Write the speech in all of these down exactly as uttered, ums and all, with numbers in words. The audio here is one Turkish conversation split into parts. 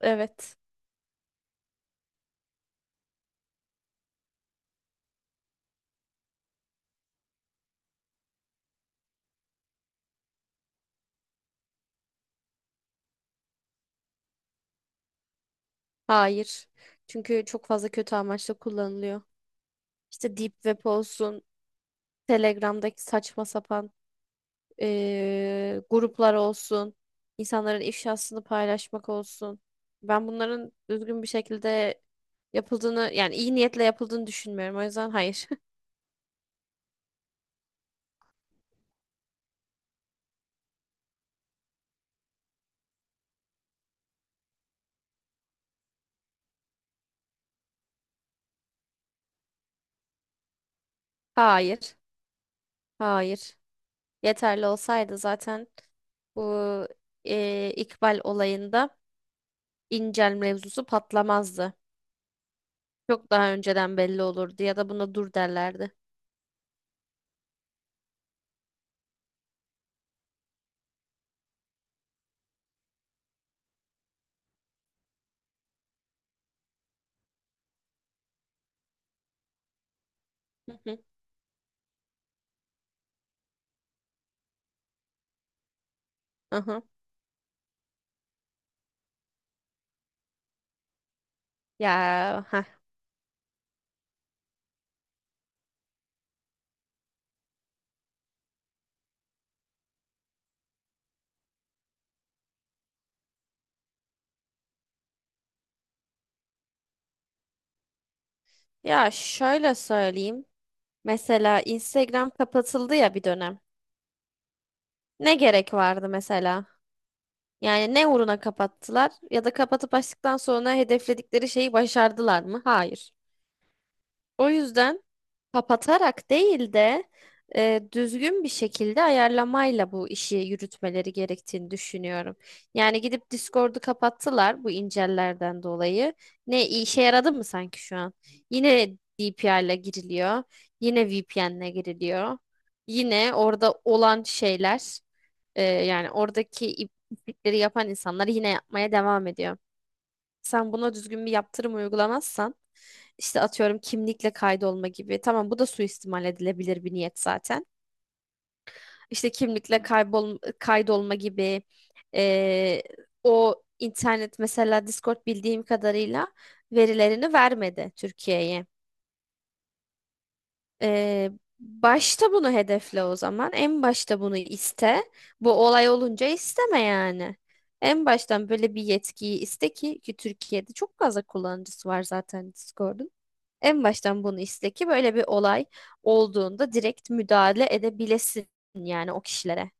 Evet. Hayır. Çünkü çok fazla kötü amaçla kullanılıyor. İşte Deep Web olsun, Telegram'daki saçma sapan eee, gruplar olsun, insanların ifşasını paylaşmak olsun. Ben bunların düzgün bir şekilde yapıldığını, yani iyi niyetle yapıldığını düşünmüyorum. O yüzden hayır. Hayır. Hayır. Yeterli olsaydı zaten bu eee, İkbal olayında İncel mevzusu patlamazdı. Çok daha önceden belli olurdu ya da buna dur derlerdi. Hı hı. Aha. Ya ha. Ya şöyle söyleyeyim. Mesela Instagram kapatıldı ya bir dönem. Ne gerek vardı mesela? Yani ne uğruna kapattılar ya da kapatıp açtıktan sonra hedefledikleri şeyi başardılar mı? Hayır. O yüzden kapatarak değil de e, düzgün bir şekilde ayarlamayla bu işi yürütmeleri gerektiğini düşünüyorum. Yani gidip Discord'u kapattılar bu incellerden dolayı. Ne işe yaradı mı sanki şu an? Yine D P I ile giriliyor. Yine V P N ile giriliyor. Yine orada olan şeyler e, yani oradaki iplikleri yapan insanlar yine yapmaya devam ediyor. Sen buna düzgün bir yaptırım uygulamazsan işte atıyorum kimlikle kaydolma gibi. Tamam bu da suistimal edilebilir bir niyet zaten. İşte kimlikle kaybol kaydolma gibi eee, o internet mesela Discord bildiğim kadarıyla verilerini vermedi Türkiye'ye. Eee, Başta bunu hedefle o zaman. En başta bunu iste. Bu olay olunca isteme yani. En baştan böyle bir yetkiyi iste ki ki Türkiye'de çok fazla kullanıcısı var zaten Discord'un. En baştan bunu iste ki böyle bir olay olduğunda direkt müdahale edebilesin yani o kişilere.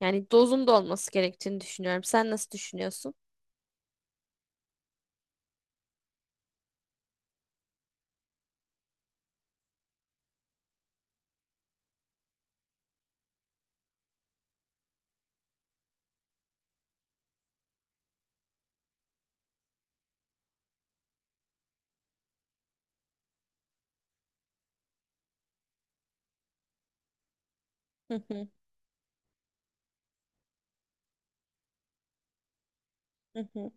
Yani dozunda olması gerektiğini düşünüyorum. Sen nasıl düşünüyorsun? Hı hı, hı hı,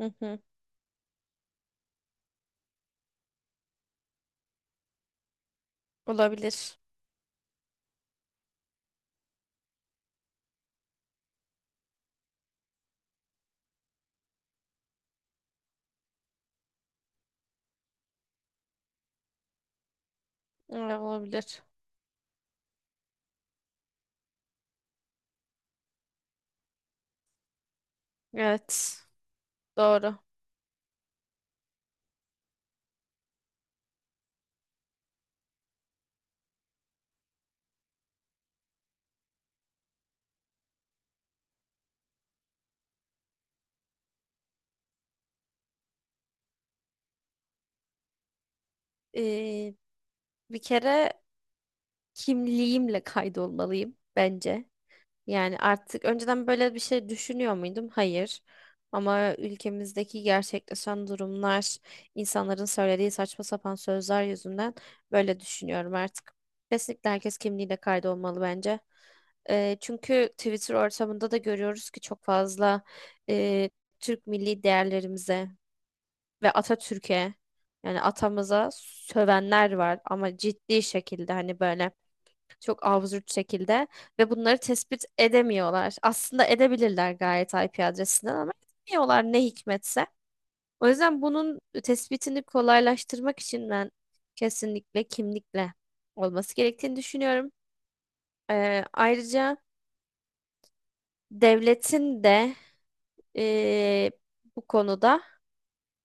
hı hı. Olabilir. Evet, olabilir. Evet, doğru. Ee, Bir kere kimliğimle kaydolmalıyım bence. Yani artık önceden böyle bir şey düşünüyor muydum? Hayır. Ama ülkemizdeki gerçekleşen durumlar, insanların söylediği saçma sapan sözler yüzünden böyle düşünüyorum artık. Kesinlikle herkes kimliğiyle kaydolmalı bence. Eee, çünkü Twitter ortamında da görüyoruz ki çok fazla eee, Türk milli değerlerimize ve Atatürk'e yani atamıza sövenler var ama ciddi şekilde hani böyle. Çok absürt şekilde ve bunları tespit edemiyorlar. Aslında edebilirler gayet I P adresinden ama edemiyorlar ne hikmetse. O yüzden bunun tespitini kolaylaştırmak için ben kesinlikle kimlikle olması gerektiğini düşünüyorum. Ee, ayrıca devletin de ee, bu konuda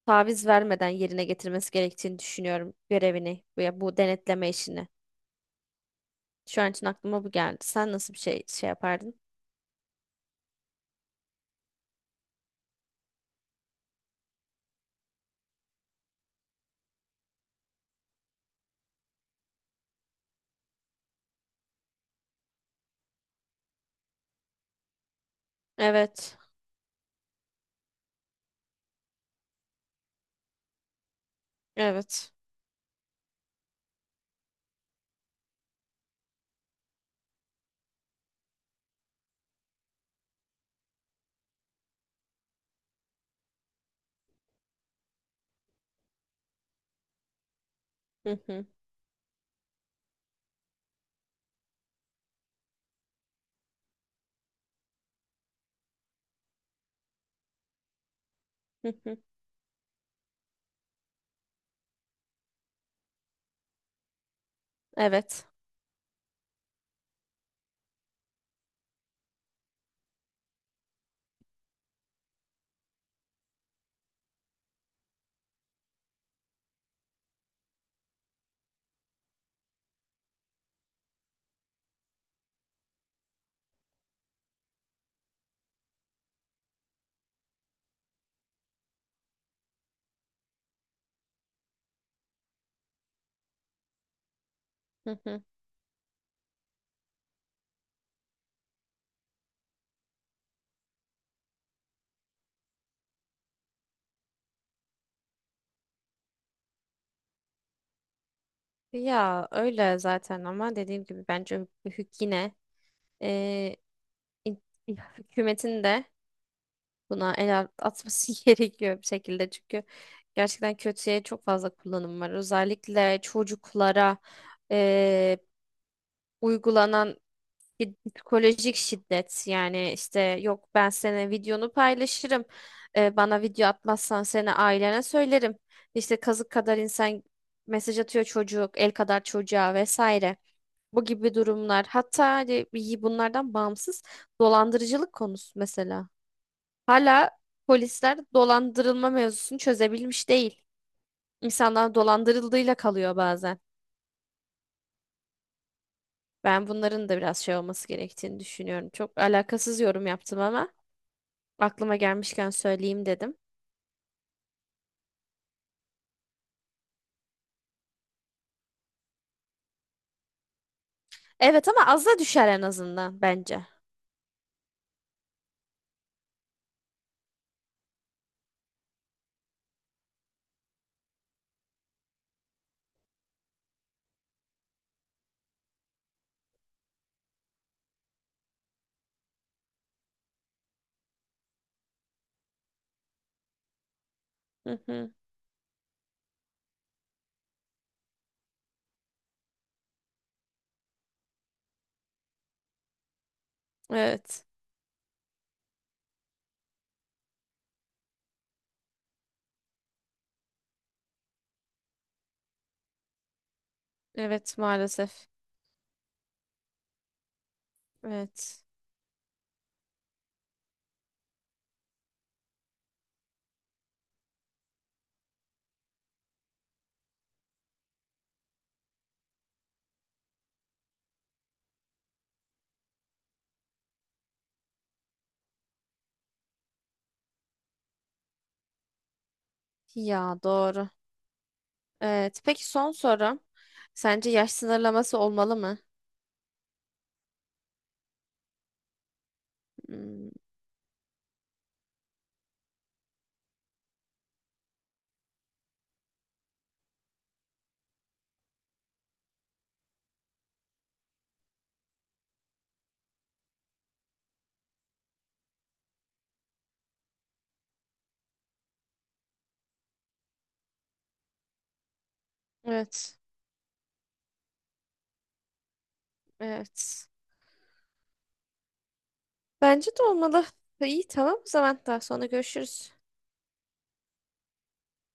taviz vermeden yerine getirmesi gerektiğini düşünüyorum görevini veya bu denetleme işini. Şu an için aklıma bu geldi. Sen nasıl bir şey şey yapardın? Evet, evet. Hı hı. Hı hı. Evet. Hı hı. Ya öyle zaten ama dediğim gibi bence hük yine eee, in- hükümetin de buna el at- atması gerekiyor bir şekilde çünkü gerçekten kötüye çok fazla kullanım var. Özellikle çocuklara eee uygulanan bir psikolojik şiddet, yani işte yok ben senin videonu paylaşırım. Ee, bana video atmazsan seni ailene söylerim, işte kazık kadar insan mesaj atıyor çocuk, el kadar çocuğa vesaire, bu gibi durumlar. Hatta hani iyi bunlardan bağımsız dolandırıcılık konusu mesela, hala polisler dolandırılma mevzusunu çözebilmiş değil, insanlar dolandırıldığıyla kalıyor bazen. Ben bunların da biraz şey olması gerektiğini düşünüyorum, çok alakasız yorum yaptım ama aklıma gelmişken söyleyeyim dedim. Evet ama az da düşer en azından bence. Hı hı. Evet. Evet maalesef. Evet. Ya doğru. Evet. Peki son sorum. Sence yaş sınırlaması olmalı mı? Hmm. Evet. Evet. Bence de olmalı. İyi tamam o zaman daha sonra görüşürüz.